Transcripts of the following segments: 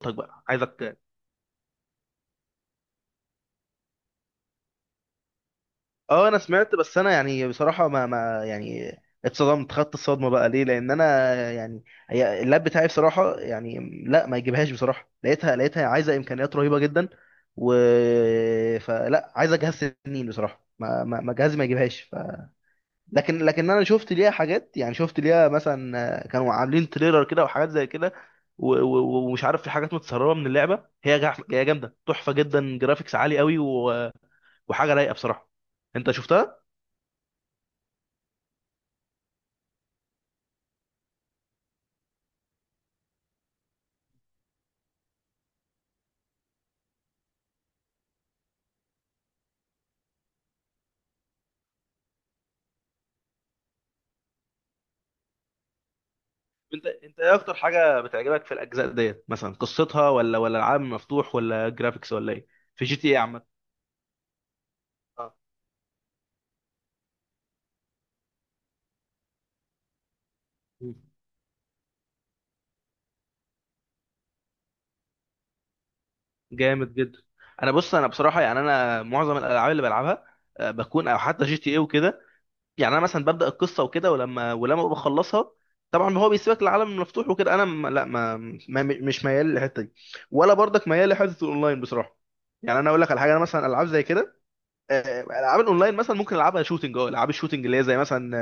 طيب بقى عايزك. اه انا سمعت، بس انا بصراحه ما ما يعني اتصدمت، خدت الصدمه بقى، ليه؟ لان انا هي اللاب بتاعي بصراحه لا ما يجيبهاش بصراحه. لقيتها عايزه امكانيات رهيبه جدا، و فلا عايزه جهاز سنين بصراحه. ما جهازي ما يجيبهاش، لكن انا شفت ليها حاجات. يعني شفت ليها مثلا كانوا عاملين تريلر كده وحاجات زي كده، و- و- ومش عارف، في حاجات متسربه من اللعبه، هي جامده تحفه جدا، جرافيكس عالي قوي، وحاجه رايقه بصراحه. انت شفتها؟ انت ايه اكتر حاجه بتعجبك في الاجزاء ديت؟ مثلا قصتها، ولا العالم مفتوح، ولا جرافيكس، ولا ايه؟ في جي تي ايه عامه. اه. جامد جدا. بص، انا بصراحه يعني انا معظم الالعاب اللي بلعبها بكون او حتى جي تي ايه وكده، يعني انا مثلا ببدا القصه وكده، ولما بخلصها طبعا هو بيسيبك العالم المفتوح وكده. انا م- لا ما, ما مش ميال للحته دي، ولا برضك ميال لحته الاونلاين بصراحه. يعني انا اقول لك على حاجه، انا مثلا العاب زي كده العاب الاونلاين مثلا ممكن العبها شوتنج، اه العاب الشوتنج اللي هي زي مثلا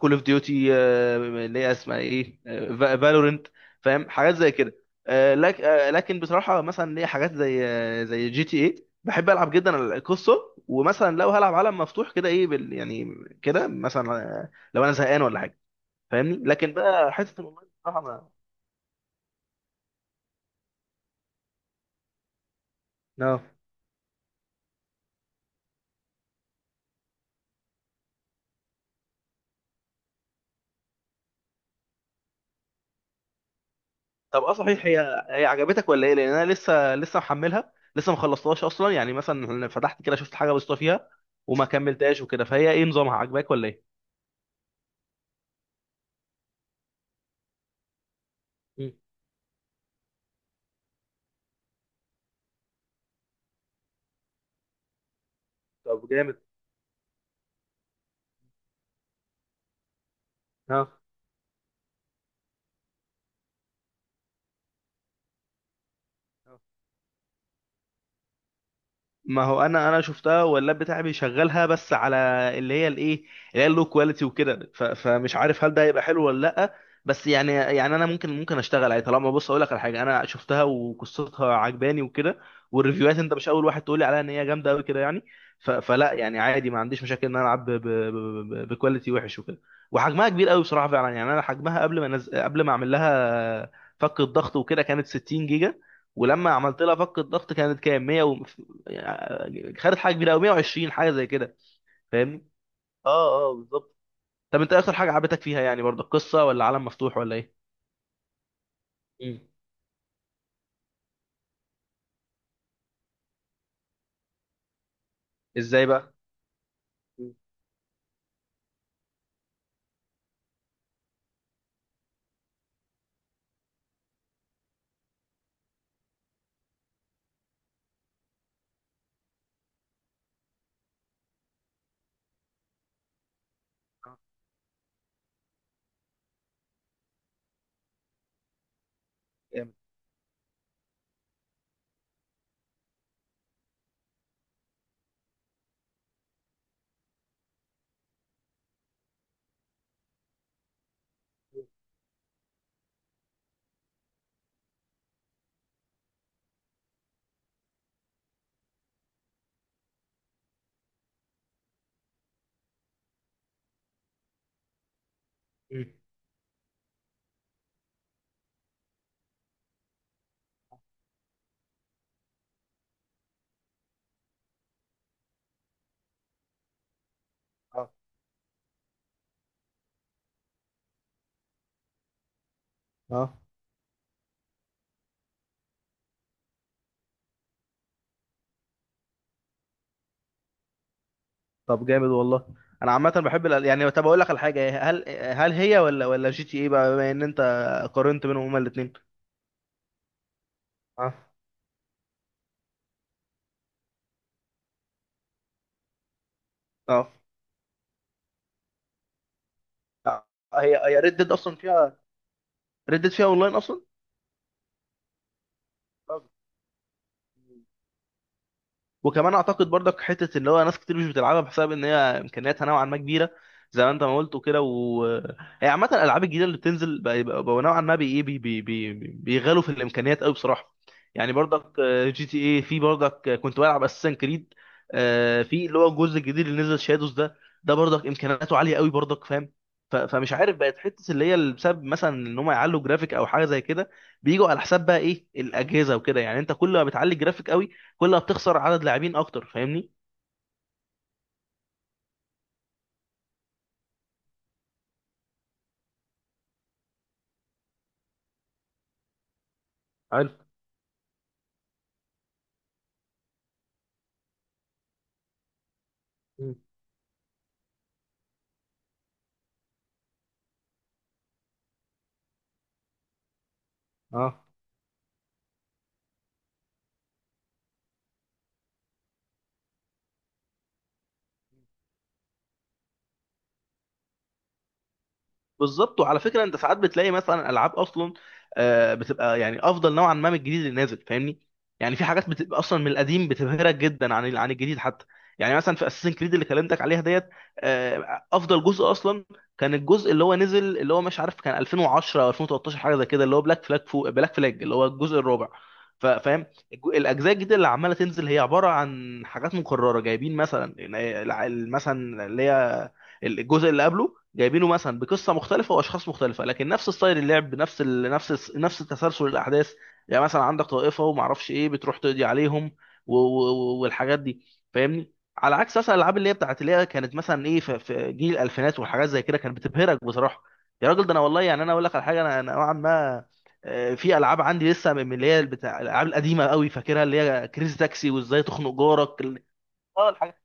كول اوف ديوتي، اللي هي اسمها ايه، فالورنت، فاهم حاجات زي كده. لكن بصراحه مثلا ليا حاجات زي زي جي تي ايه، بحب العب جدا القصه، ومثلا لو هلعب عالم مفتوح كده ايه بال يعني كده مثلا لو انا زهقان ولا حاجه. فاهمني؟ لكن بقى حته الاونلاين بصراحه ما. اه. طب اه صحيح، هي عجبتك ولا ايه؟ لان انا لسه محملها، لسه ما خلصتهاش اصلا، يعني مثلا فتحت كده شفت حاجه بسيطه فيها وما كملتهاش وكده. فهي ايه نظامها؟ عجباك ولا ايه؟ مم. طب جامد. ها. ما هو انا شفتها، واللاب بتاعي بيشغلها بس على اللي هي الايه اللي هي اللو كواليتي وكده. فمش عارف هل ده هيبقى حلو ولا لا. بس يعني، يعني انا ممكن اشتغل عليه، طالما بص اقول لك على حاجه، انا شفتها وقصتها عجباني وكده، والريفيوهات انت مش اول واحد تقولي عليها ان هي جامده قوي كده يعني. فلا يعني عادي، ما عنديش مشاكل ان انا العب بكواليتي وحش وكده. وحجمها كبير قوي بصراحه فعلا، يعني انا حجمها قبل ما اعمل لها فك الضغط وكده كانت 60 جيجا، ولما عملت لها فك الضغط كانت كام؟ 100 خدت حاجه كبيره قوي، 120 حاجه زي كده. فاهمني؟ اه اه بالظبط. طب انت إيه اكتر حاجه عجبتك فيها يعني برضه؟ القصه، ولا عالم مفتوح، ولا ايه؟ مم. ازاي بقى؟ مم. آه. جامد. مم. اه. اه طب جامد والله. انا عامه بحب يعني طب اقول لك على حاجه، هل هي ولا جي تي ايه بقى، بما ان انت قارنت بينهم هما الاثنين؟ اه. اه. آه، هي ريد ديد اصلا فيها، ريد ديد فيها اونلاين اصلا؟ آه. وكمان اعتقد برضك حته اللي هو ناس كتير مش بتلعبها بسبب ان هي امكانياتها نوعا ما كبيره، زي ما انت ما قلت وكده. و هي عامه الالعاب الجديده اللي بتنزل بقى بقوا نوعا ما بي إيه، بي بي بي بيغالوا في الامكانيات قوي بصراحه. يعني برضك جي تي اي، في برضك كنت بلعب اساسن كريد في اللي هو الجزء الجديد اللي نزل شادوز ده، ده برضك امكانياته عاليه قوي برضك، فاهم؟ فمش عارف، بقت حته اللي هي اللي بسبب مثلا ان هم يعلوا جرافيك او حاجه زي كده بيجوا على حساب بقى ايه الاجهزه وكده. يعني انت كل ما بتعلي الجرافيك قوي، كل ما بتخسر عدد لاعبين اكتر. فاهمني؟ حلو. مم. اه بالظبط. وعلى فكره انت ساعات بتلاقي مثلا العاب اصلا بتبقى يعني افضل نوعا ما من الجديد اللي نازل. فاهمني؟ يعني في حاجات بتبقى اصلا من القديم بتبهرك جدا عن عن الجديد حتى. يعني مثلا في اساسن كريد اللي كلمتك عليها ديت افضل جزء اصلا كان الجزء اللي هو نزل، اللي هو مش عارف كان 2010 او 2013 حاجه زي كده، اللي هو بلاك فلاج، فوق بلاك فلاج اللي هو الجزء الرابع. فاهم؟ الاجزاء الجديده اللي عماله تنزل هي عباره عن حاجات مكرره، جايبين مثلا يعني مثلا اللي هي الجزء اللي قبله، جايبينه مثلا بقصه مختلفه واشخاص مختلفه لكن نفس ستايل اللعب، نفس نفس تسلسل الاحداث. يعني مثلا عندك طائفه وما اعرفش ايه بتروح تقضي عليهم والحاجات دي. فاهمني؟ على عكس مثلا الالعاب اللي هي بتاعت اللي هي كانت مثلا ايه في جيل الالفينات والحاجات زي كده، كانت بتبهرك بصراحه. يا راجل ده انا والله، يعني انا اقول لك على حاجه، انا نوعا ما في العاب عندي لسه من اللي هي بتاع الالعاب القديمه قوي فاكرها، اللي هي كريزي تاكسي، وازاي تخنق جارك اه الحاجات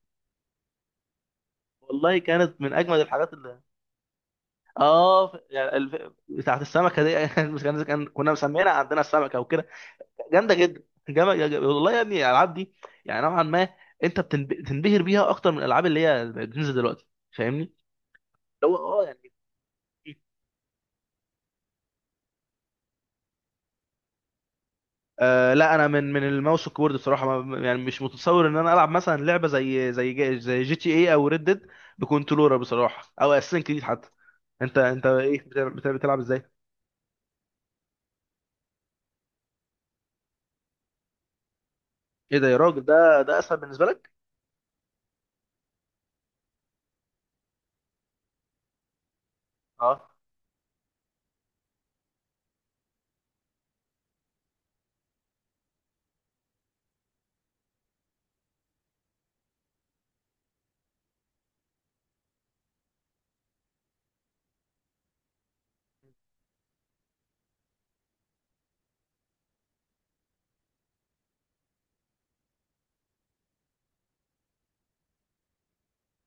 والله كانت من اجمد الحاجات. اه يعني بتاعت السمكه دي مش كنا مسمينها عندنا السمكه وكده. جامده جدا. جامد والله يا ابني الالعاب دي، يعني نوعا ما انت بتنبهر بيها اكتر من الالعاب اللي هي بتنزل دلوقتي. فاهمني؟ اللي هو اه يعني آه لا، انا من الماوس والكيبورد بصراحه، ما يعني مش متصور ان انا العب مثلا لعبه زي جي تي اي او ريد ديد بكنترولر بصراحه، او اساسن كريد حتى. انت ايه بتلعب ازاي؟ ايه ده يا راجل، ده اسهل بالنسبه لك؟ اه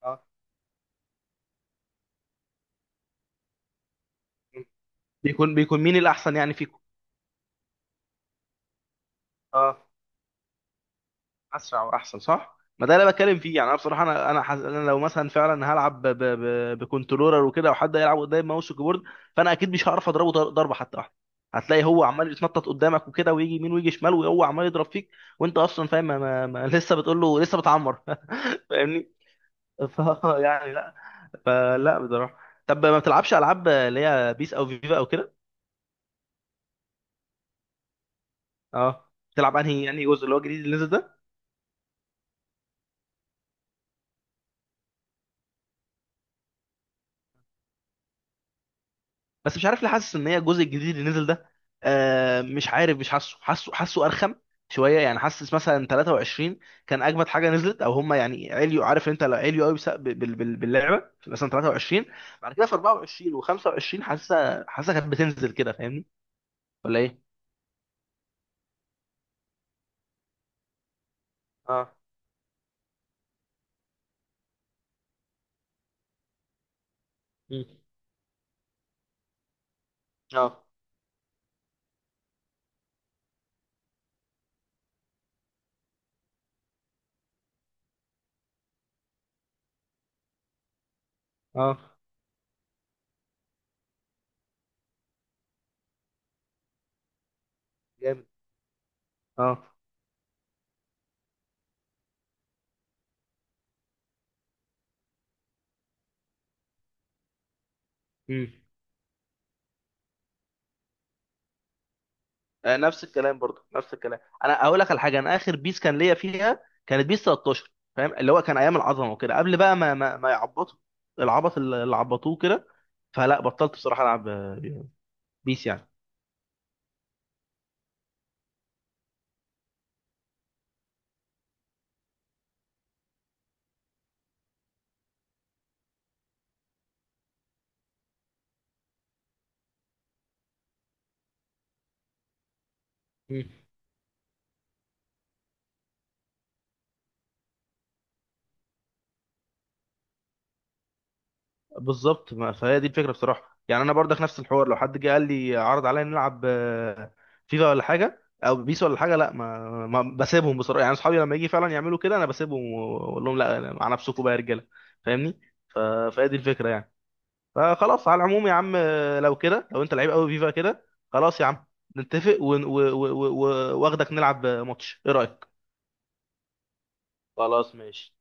اه. بيكون مين الاحسن يعني فيكم؟ اه. اسرع واحسن صح، ما ده اللي أنا بتكلم فيه. يعني انا بصراحه أنا لو مثلا فعلا هلعب بكنترولر وكده، وحد يلعب قدام ماوس وكيبورد، فانا اكيد مش هعرف اضربه ضربه حتى واحده. هتلاقي هو عمال يتنطط قدامك وكده، ويجي يمين ويجي شمال، وهو عمال يضرب فيك. وانت اصلا فاهم ما... ما... ما... لسه بتقول له لسه بتعمر فاهمني؟ ف... يعني لا، فلا بصراحه. طب ما بتلعبش العاب اللي هي بيس او فيفا او كده؟ اه بتلعب انهي يعني جزء؟ اللي هو الجديد اللي نزل ده؟ بس مش عارف ليه، حاسس ان هي الجزء الجديد اللي نزل ده آه مش عارف، مش حاسه، حاسه ارخم شويه. يعني حاسس مثلا 23 كان اجمد حاجه نزلت، او هم يعني عليوا، عارف انت لو عليوا قوي باللعبه، في مثلا 23 بعد كده في 24 و25 حاسسها، كانت بتنزل كده. فاهمني؟ ولا ايه؟ اه. مم. اه. اه جامد. اه. مم. آه، نفس الكلام برضه، نفس الكلام. انا اقول لك على حاجه، انا اخر بيس كان ليا فيها كانت بيس 13، فاهم، اللي هو كان ايام العظمه وكده، قبل بقى ما يعبطوا العبط اللي عبطوه كده. فلا بطلت بصراحه العب بيس يعني. مم. بالظبط. ما فهي دي الفكره بصراحه. يعني انا برضك نفس الحوار، لو حد جه قال لي عرض عليا نلعب فيفا ولا حاجه او بيس ولا حاجه، لا ما بسيبهم بصراحه. يعني اصحابي لما يجي فعلا يعملوا كده انا بسيبهم واقول لهم لا، مع نفسكم بقى يا رجاله. فاهمني؟ ف- فهي دي الفكره يعني. فخلاص على العموم يا عم، لو كده لو انت لعيب قوي فيفا كده، خلاص يا عم، نتفق واخدك نلعب ماتش، ايه رأيك؟ خلاص ماشي.